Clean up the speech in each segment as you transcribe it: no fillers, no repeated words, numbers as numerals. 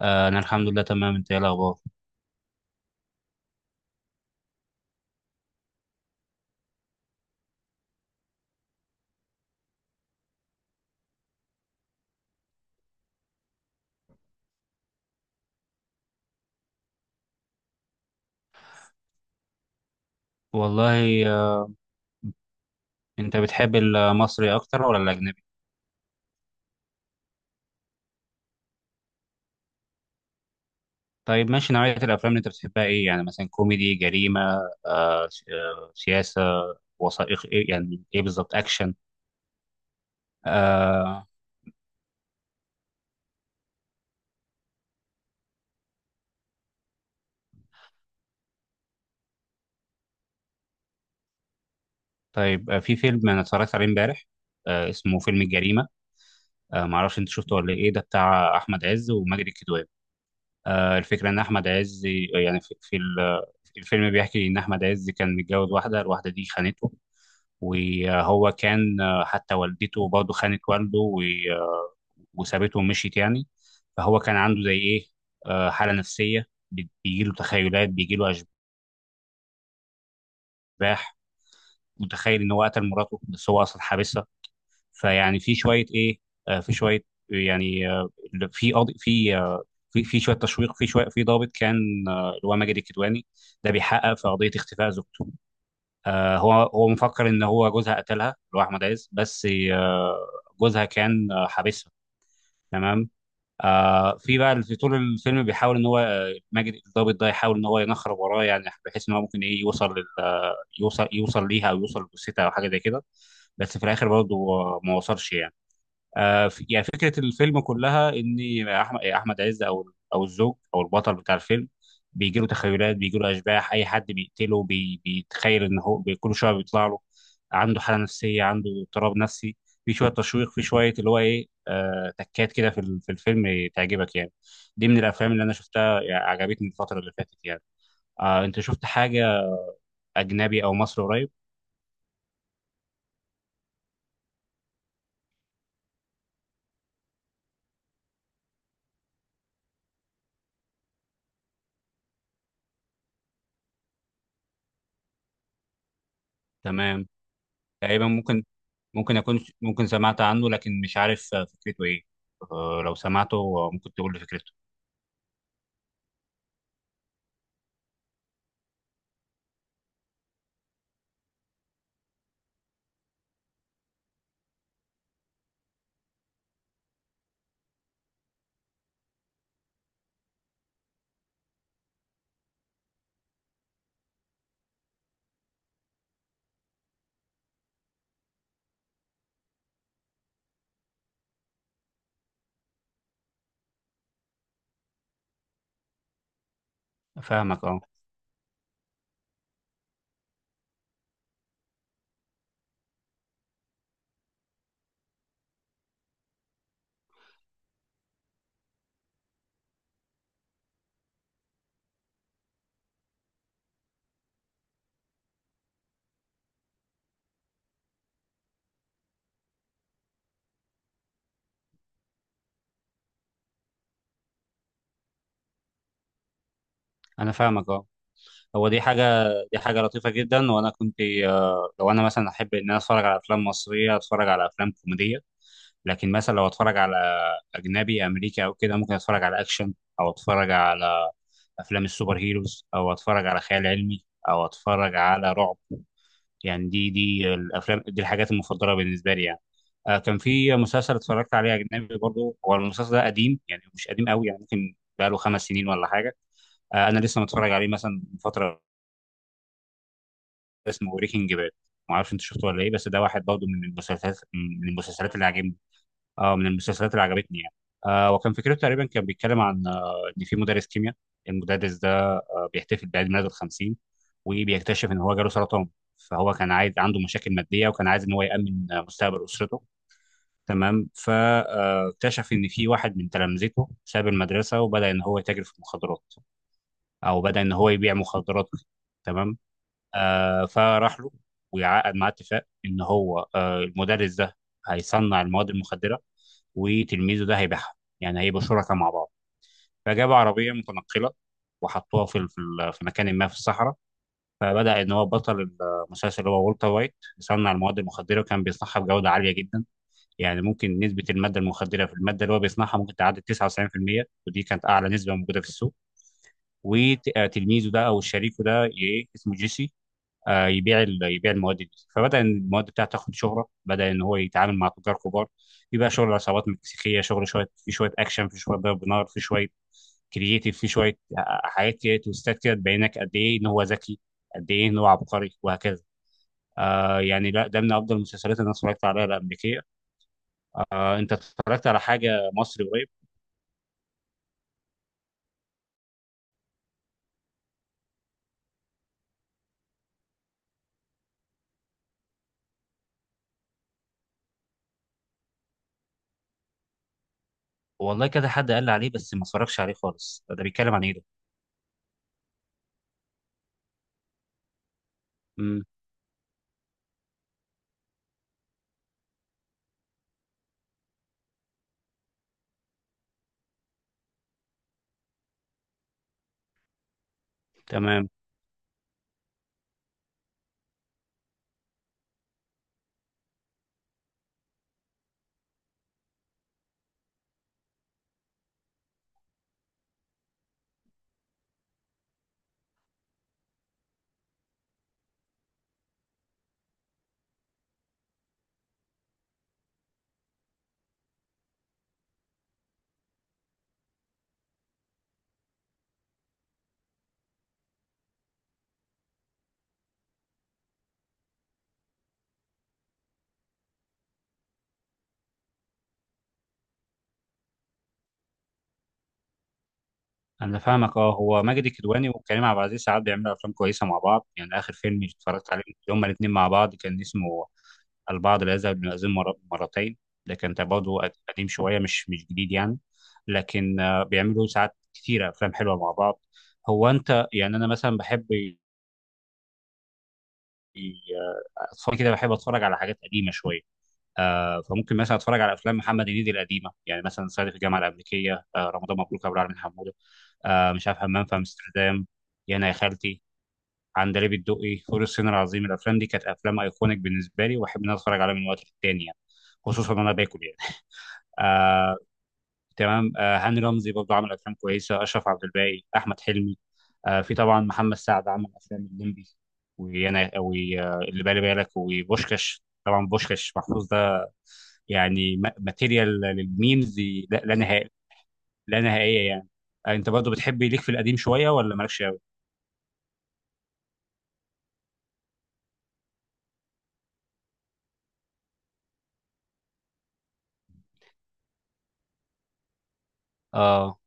أنا الحمد لله تمام، أنت إيه الأخبار؟ والله آه، أنت بتحب المصري أكتر ولا الأجنبي؟ طيب ماشي، نوعية الأفلام اللي أنت بتحبها إيه؟ يعني مثلا كوميدي، جريمة، سياسة، وثائقي، إيه يعني إيه بالظبط؟ أكشن؟ آه، طيب، في فيلم أنا اتفرجت عليه إمبارح، اسمه فيلم الجريمة. معرفش أنت شفته ولا إيه، ده بتاع أحمد عز وماجد الكدواني. الفكرة إن أحمد عز يعني في الفيلم بيحكي إن أحمد عز كان متجوز واحدة، الواحدة دي خانته. وهو كان، حتى والدته برضه خانت والده وسابته ومشيت يعني. فهو كان عنده زي ايه، حالة نفسية، بيجي له تخيلات، بيجي له أشباح، متخيل إن هو قتل مراته بس هو أصلا حابسها. فيعني في شوية ايه، في شوية يعني، في قاضي، في في في شويه تشويق، في شويه، في ضابط كان، اللي هو ماجد الكدواني، ده بيحقق في قضيه اختفاء زوجته. آه، هو مفكر ان هو جوزها قتلها، اللي هو احمد عز، بس آه، جوزها كان آه، حابسها. تمام. آه، في بقى في طول الفيلم بيحاول ان هو، ماجد الضابط ده، يحاول ان هو ينخرب وراه، يعني بحيث ان هو ممكن ايه، يوصل لل يوصل ليها او يوصل لجثتها او حاجه زي كده. بس في الاخر برضه ما وصلش يعني. يعني فكرة الفيلم كلها إن أحمد عز، أو الزوج أو البطل بتاع الفيلم، بيجيله تخيلات، بيجيله أشباح، أي حد بيقتله، بيتخيل إن هو كل شوية بيطلع له. عنده حالة نفسية، عنده اضطراب نفسي، في شوية تشويق، في شوية اللي هو إيه، آه، تكات كده في في الفيلم، تعجبك يعني. دي من الأفلام اللي أنا شفتها يعني، عجبتني الفترة اللي فاتت يعني. آه، أنت شفت حاجة أجنبي أو مصري قريب؟ تمام. تقريبا، ممكن، ممكن اكون ممكن سمعت عنه، لكن مش عارف فكرته ايه. لو سمعته ممكن تقول لي فكرته. فاهمك، اه. انا فاهمك اه. هو دي حاجه، دي حاجه لطيفه جدا. وانا كنت لو انا مثلا احب ان انا اتفرج على افلام مصريه، اتفرج على افلام كوميديه. لكن مثلا لو اتفرج على اجنبي امريكي او كده، ممكن اتفرج على اكشن، او اتفرج على افلام السوبر هيروز، او اتفرج على خيال علمي، او اتفرج على رعب. يعني دي الافلام، دي الحاجات المفضله بالنسبه لي يعني. آه، كان في مسلسل اتفرجت عليه اجنبي برضه، هو المسلسل ده قديم يعني، مش قديم قوي يعني، ممكن بقاله 5 سنين ولا حاجه. آه، انا لسه متفرج عليه مثلا من فتره. اسمه بريكنج باد. ما اعرفش انت شفته ولا ايه، بس ده واحد برضه من المسلسلات، من المسلسلات اللي عجبني. اه، من المسلسلات اللي عجبتني يعني. آه، وكان فكرته تقريبا، كان بيتكلم عن آه، ان في مدرس كيمياء، المدرس ده بيحتفل بعيد ميلاده ال 50، وبيكتشف ان هو جاله سرطان. فهو كان عايز، عنده مشاكل ماديه، وكان عايز ان هو يامن مستقبل اسرته. تمام. فاكتشف ان في واحد من تلامذته ساب المدرسه وبدا ان هو يتاجر في المخدرات، او بدا ان هو يبيع مخدرات. تمام. آه، فراح له ويعقد معاه اتفاق ان هو آه، المدرس ده هيصنع المواد المخدره، وتلميذه ده هيبيعها، يعني هيبقوا شركاء مع بعض. فجابوا عربيه متنقله وحطوها في مكان ما في الصحراء. فبدأ إن هو بطل المسلسل اللي هو والتر وايت، يصنع المواد المخدرة، وكان بيصنعها بجودة عالية جدا. يعني ممكن نسبة المادة المخدرة في المادة اللي هو بيصنعها ممكن تعدي 99%، ودي كانت أعلى نسبة موجودة في السوق. وتلميذه ده أو شريكه ده، إيه اسمه، جيسي، يبيع يبيع المواد دي. فبدا إن المواد بتاعته تاخد شهره، بدا ان هو يتعامل مع تجار كبار. يبقى شغل عصابات مكسيكيه، شغل شويه، في شويه اكشن، في شويه ضرب نار، في شويه كرييتيف، في شويه حاجات كده، تويستات كده، تبينك قد ايه ان هو ذكي، قد ايه ان هو عبقري، وهكذا. آه، يعني لا، ده من افضل المسلسلات اللي انا اتفرجت عليها الامريكيه. آه، انت اتفرجت على حاجه مصري قريب؟ والله كذا حد قال لي عليه بس ما اتفرجش عليه خالص. ده بيتكلم عن ايه ده؟ امم. تمام. انا فاهمك اه. هو ماجد الكدواني وكريم عبد العزيز ساعات بيعملوا افلام كويسه مع بعض، يعني اخر فيلم اتفرجت عليه هما الاثنين مع بعض كان اسمه البعض لا يذهب للمأذون مرتين. ده كان برضه قديم شويه، مش جديد يعني. لكن بيعملوا ساعات كتيره افلام حلوه مع بعض. هو انت يعني، انا مثلا بحب ي- اتفرج كده، بحب اتفرج على حاجات قديمه شويه. آه، فممكن مثلا اتفرج على افلام محمد هنيدي القديمه، يعني مثلا صعيدي في الجامعه الامريكيه، آه، رمضان مبروك ابو العلمين حمود، آه، مش عارف، همام في امستردام، يا انا يا خالتي، عندليب الدقي، فول الصين العظيم. الافلام دي كانت افلام ايكونيك بالنسبه لي، واحب ان انا اتفرج عليها من وقت للتاني يعني، خصوصا وانا باكل يعني. آه، تمام. آه، هاني رمزي برضه عمل افلام كويسه، اشرف عبد الباقي، احمد حلمي. آه، في طبعا محمد سعد عمل افلام الليمبي، وانا واللي بالي بالك، وبوشكاش. طبعا بوشكاش محفوظ ده يعني ماتيريال للميمز، لا نهائي، لا نهائيه يعني. انت برضه بتحب ليك في القديم شويه ولا مالكش؟ اه.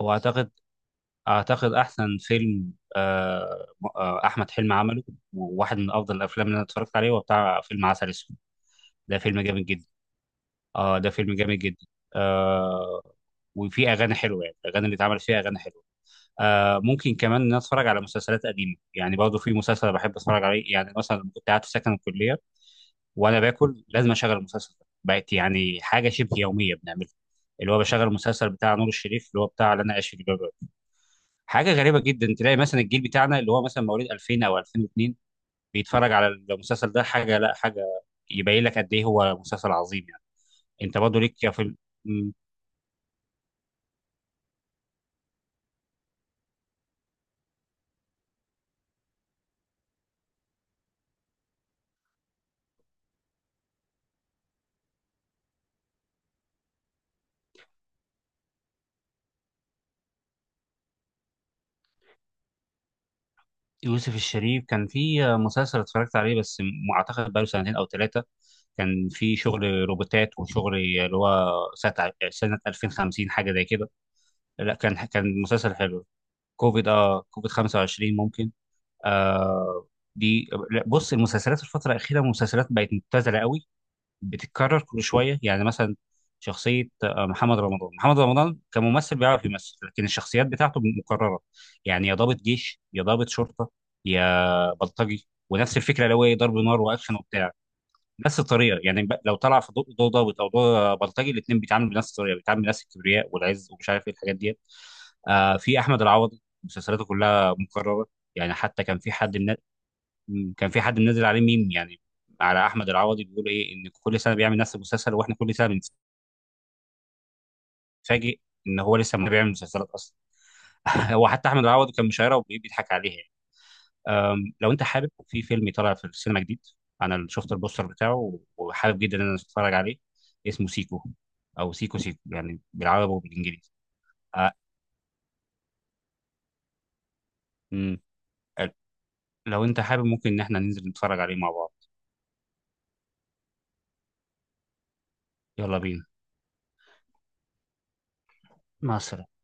هو اعتقد، احسن فيلم احمد حلمي عمله، وواحد من افضل الافلام اللي انا اتفرجت عليه، هو بتاع فيلم عسل اسود. ده فيلم جامد جدا. اه، ده فيلم جامد جدا. آه، وفيه اغاني حلوه يعني، الاغاني اللي اتعمل فيها اغاني حلوه. آه، ممكن كمان ان أنا اتفرج على مسلسلات قديمه يعني. برضه في مسلسل بحب اتفرج عليه يعني مثلا لما كنت قاعد في سكن الكليه، وانا باكل لازم اشغل المسلسل ده، بقت يعني حاجه شبه يوميه بنعملها، اللي هو بشغل المسلسل بتاع نور الشريف، اللي هو بتاع اللي انا عايش في جلباب. حاجه غريبه جدا تلاقي مثلا الجيل بتاعنا اللي هو مثلا مواليد 2000 او 2002 بيتفرج على المسلسل ده، حاجه لا حاجه، يبين لك قد ايه هو مسلسل عظيم يعني. انت برضه ليك في م- يوسف الشريف كان في مسلسل اتفرجت عليه بس اعتقد بقاله سنتين او 3. كان في شغل روبوتات، وشغل اللي هو سنه سنه 2050، حاجه زي كده. لا، كان كان مسلسل حلو. كوفيد، اه، كوفيد 25 ممكن. آه. دي لا، بص، المسلسلات الفتره الاخيره مسلسلات بقت مبتذله قوي، بتتكرر كل شويه. يعني مثلا شخصيه محمد رمضان، محمد رمضان كممثل بيعرف يمثل، لكن الشخصيات بتاعته مكرره. يعني يا ضابط جيش، يا ضابط شرطه، يا بلطجي، ونفس الفكره، اللي هو إيه، ضرب نار واكشن وبتاع. نفس الطريقه يعني، لو طلع في دور، ضابط او دور بلطجي، الاثنين بيتعاملوا بنفس الطريقه، بيتعاملوا بنفس الكبرياء والعز ومش عارف ايه الحاجات ديت. آه، في احمد العوضي مسلسلاته كلها مكرره، يعني حتى كان في حد من، مم، كان في حد منزل عليه ميم يعني على احمد العوضي، بيقول ايه ان كل سنه بيعمل نفس المسلسل، واحنا كل سنه بنتفاجئ ان هو لسه ما بيعمل مسلسلات اصلا. هو حتى احمد العوضي كان مشايره وبيضحك عليها يعني. لو انت حابب، في فيلم طالع في السينما جديد، انا شفت البوستر بتاعه وحابب جدا ان انا اتفرج عليه، اسمه سيكو، او سيكو سيكو يعني، بالعربي وبالانجليزي. أه، امم، لو انت حابب ممكن ان احنا ننزل نتفرج عليه مع بعض. يلا بينا. مع السلامه.